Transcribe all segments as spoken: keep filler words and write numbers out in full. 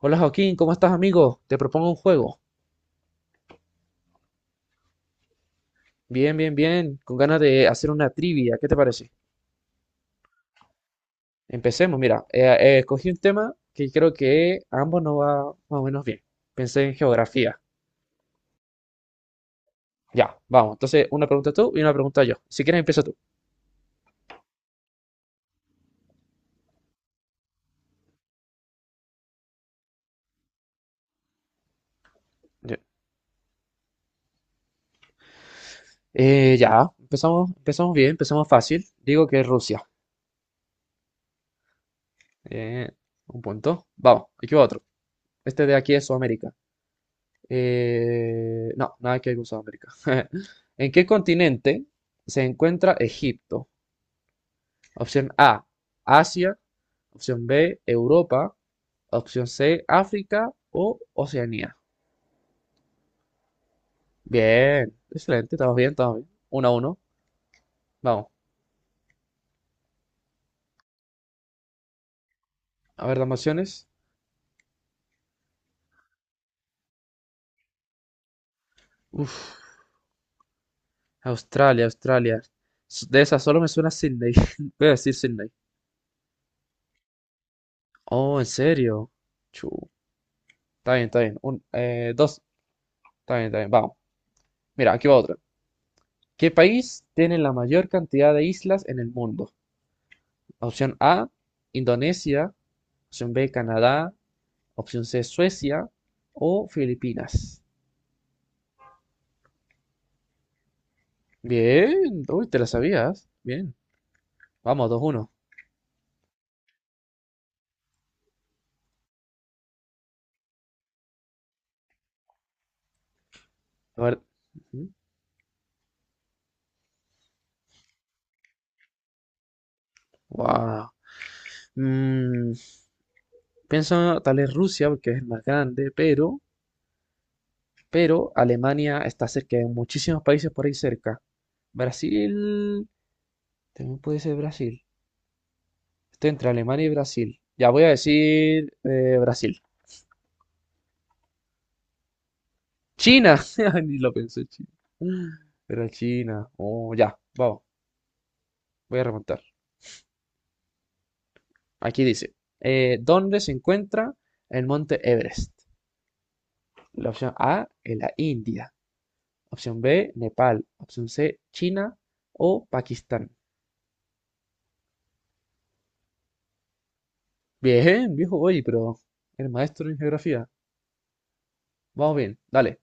Hola Joaquín, ¿cómo estás amigo? Te propongo un juego. Bien, bien, bien, con ganas de hacer una trivia, ¿qué te parece? Empecemos, mira, eh, eh, escogí un tema que creo que a ambos nos va más o menos bien. Pensé en geografía. Ya, vamos, entonces una pregunta tú y una pregunta yo. Si quieres empieza tú. Ya, Eh, ya, empezamos, empezamos bien, empezamos fácil. Digo que es Rusia. Eh, un punto. Vamos, aquí va otro. Este de aquí es Sudamérica. Eh, no, nada que ver con Sudamérica. ¿En qué continente se encuentra Egipto? Opción A, Asia. Opción B, Europa. Opción C, África o Oceanía. Bien, excelente, estamos bien, estamos bien. Uno a uno. Vamos. A ver, dame opciones. Uf, Australia, Australia. S- De esas solo me suena Sydney. Voy a decir Sydney. Oh, ¿en serio? Chu. Está bien, está bien. Un, eh, dos. Está bien, está bien. Vamos. Mira, aquí va otra. ¿Qué país tiene la mayor cantidad de islas en el mundo? Opción A, Indonesia. Opción B, Canadá. Opción C, Suecia. O Filipinas. Bien, uy, te la sabías. Bien, vamos, dos uno. A ver. Ujú. Wow. Mm, pienso tal vez Rusia porque es el más grande, pero, pero Alemania está cerca de muchísimos países por ahí cerca. Brasil, también puede ser Brasil. Estoy entre Alemania y Brasil. Ya voy a decir eh, Brasil. China. Ni lo pensé, China. Era China. Oh, ya, vamos. Voy a remontar. Aquí dice, eh, ¿dónde se encuentra el monte Everest? La opción A en la India. Opción B, Nepal. Opción C, China o Pakistán. Bien, viejo, oye, pero el maestro en geografía. Vamos bien, dale.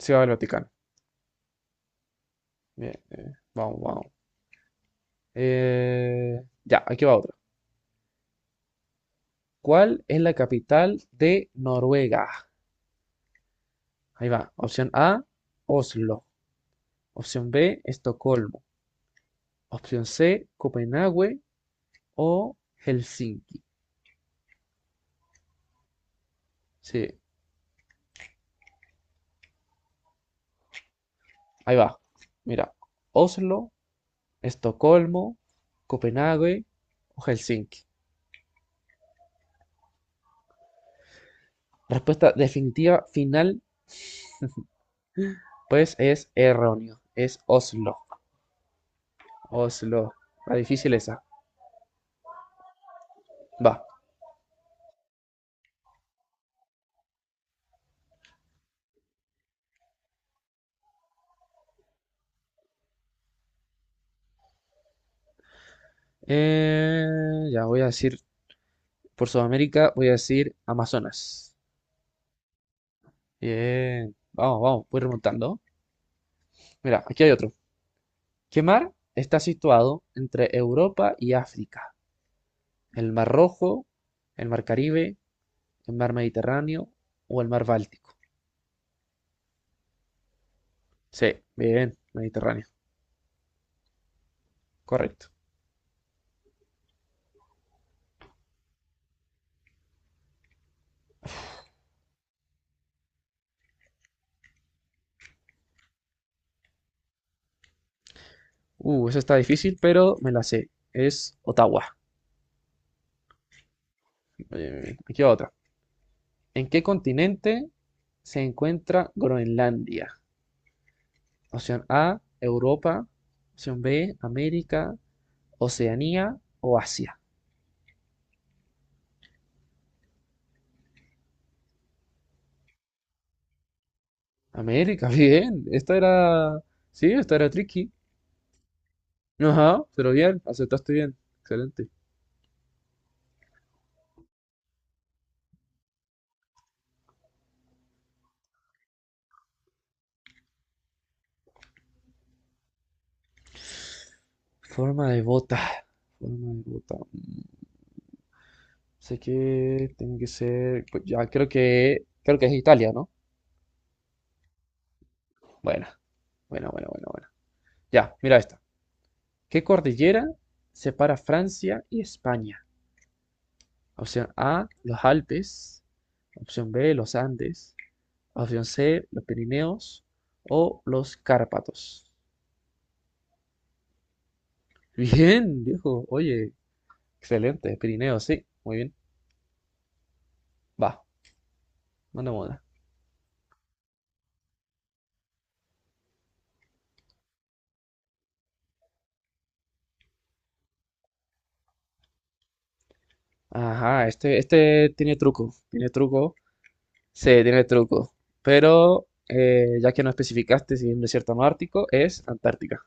Se va al Vaticano. Bien, eh, vamos, vamos. Eh, ya, aquí va otro. ¿Cuál es la capital de Noruega? Ahí va. Opción A, Oslo. Opción B, Estocolmo. Opción C, Copenhague o Helsinki. Sí, ahí va. Mira, Oslo, Estocolmo, Copenhague o Helsinki. Respuesta definitiva final, pues es erróneo. Es Oslo. Oslo. La difícil esa. Va. Eh, ya voy a decir, por Sudamérica voy a decir Amazonas. Bien, vamos, vamos, voy remontando. Mira, aquí hay otro. ¿Qué mar está situado entre Europa y África? ¿El Mar Rojo, el Mar Caribe, el Mar Mediterráneo o el Mar Báltico? Sí, bien, Mediterráneo, correcto. Uh, esa está difícil, pero me la sé. Es Ottawa. Bien, bien, bien. Aquí va otra. ¿En qué continente se encuentra Groenlandia? Opción A, Europa. Opción B, América, Oceanía o Asia. América, bien. Esta era. Sí, esta era tricky. Ajá, pero bien, aceptaste bien. Excelente. Forma de bota. Forma de bota. Mm, sé que tiene que ser. Pues ya creo que. Creo que es Italia, ¿no? Bueno, bueno, bueno, bueno, bueno. Ya, mira esta. ¿Qué cordillera separa Francia y España? Opción A, los Alpes. Opción B, los Andes. Opción C, los Pirineos o los Cárpatos. Bien, viejo. Oye, excelente, Pirineo, sí, muy bien. Va, mandamos una. Ajá, este, este tiene truco, tiene truco, sí, tiene truco. Pero eh, ya que no especificaste si es un desierto no ártico, es Antártica.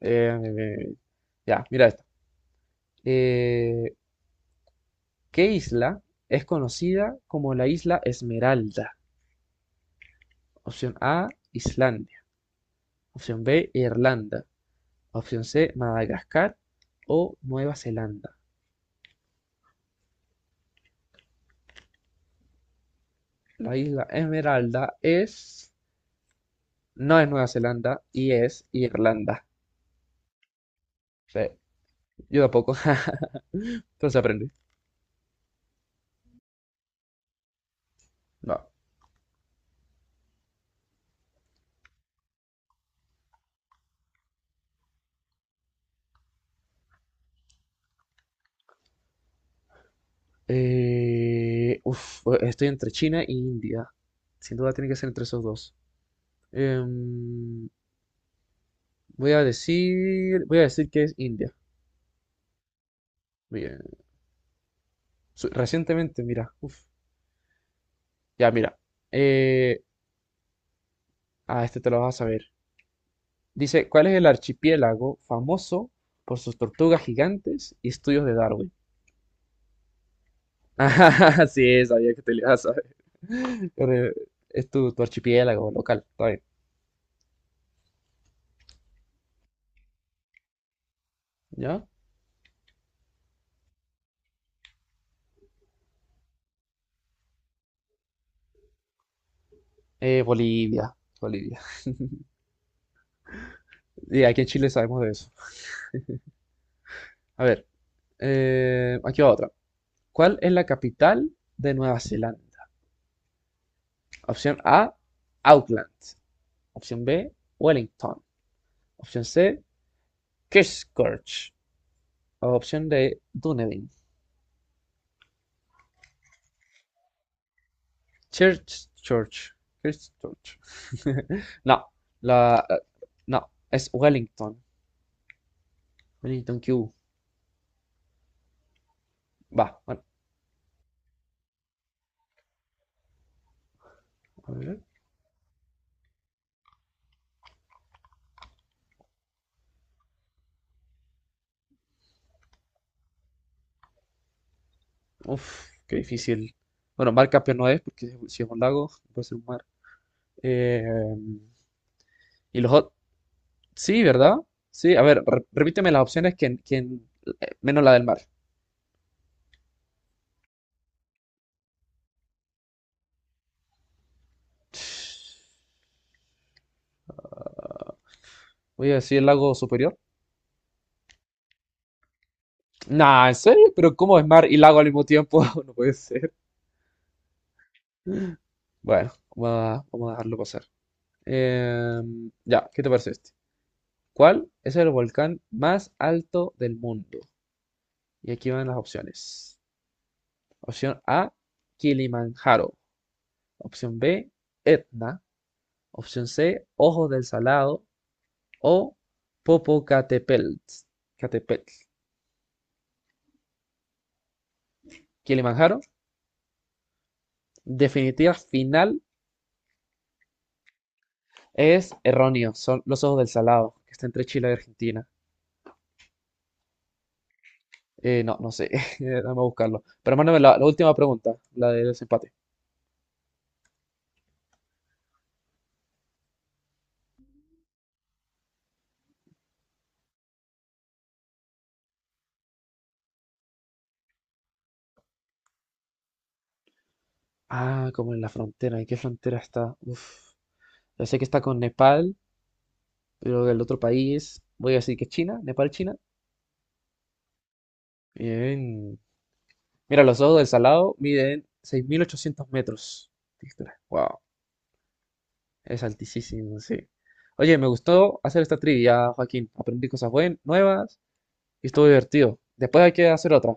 Eh, eh, ya, mira esta. Eh, ¿qué isla es conocida como la isla Esmeralda? Opción A, Islandia. Opción B, Irlanda. Opción C, Madagascar o Nueva Zelanda. La isla Esmeralda es. No es Nueva Zelanda y es Irlanda. Sí, yo tampoco. Entonces aprendí. No. Eh, uf, estoy entre China e India. Sin duda tiene que ser entre esos dos. Em, voy a decir, voy a decir que es India. Bien. Su- Recientemente, mira, uf, ya mira. Eh, ah, este te lo vas a saber. Dice, ¿cuál es el archipiélago famoso por sus tortugas gigantes y estudios de Darwin? Ah, sí, sabía que te lo ibas a. Eh, es tu, tu archipiélago local, está bien. ¿Ya? Eh, Bolivia, Bolivia. Y aquí en Chile sabemos de eso. A ver, eh, aquí va otra. ¿Cuál es la capital de Nueva Zelanda? Opción A, Auckland. Opción B, Wellington. Opción C, Christchurch. Opción D, Dunedin. Church, Church, Christchurch. No, la, eh, no, es Wellington. Wellington Q. Va, bueno, a ver. Uf, qué difícil. Bueno, mar campeón no es, porque si es un lago, puede ser un mar. Eh, y los otros. Sí, ¿verdad? Sí, a ver, re- repíteme las opciones que, que- menos la del mar. Voy a decir el lago superior. Nah, ¿en serio? ¿Pero cómo es mar y lago al mismo tiempo? No puede ser. Bueno, vamos a, vamos a dejarlo pasar. Eh, ya, ¿qué te parece este? ¿Cuál es el volcán más alto del mundo? Y aquí van las opciones. Opción A, Kilimanjaro. Opción B, Etna. Opción C, Ojos del Salado. O Popocatépetl. Catepetl. Kilimanjaro. Definitiva final es erróneo. Son los Ojos del Salado, que está entre Chile y Argentina. Eh, no, no sé. Vamos a buscarlo. Pero mándame la, la última pregunta, la del desempate. Ah, como en la frontera. ¿En qué frontera está? Uf. Ya sé que está con Nepal, pero el otro país. Voy a decir que China. Nepal, China. Bien. Mira, los ojos del Salado miden seis mil ochocientos metros de altura. Wow, es altísimo, sí. Oye, me gustó hacer esta trivia, Joaquín. Aprendí cosas buenas, nuevas y estuvo divertido. Después hay que hacer otra.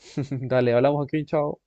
Dale, hablamos, Joaquín, chao.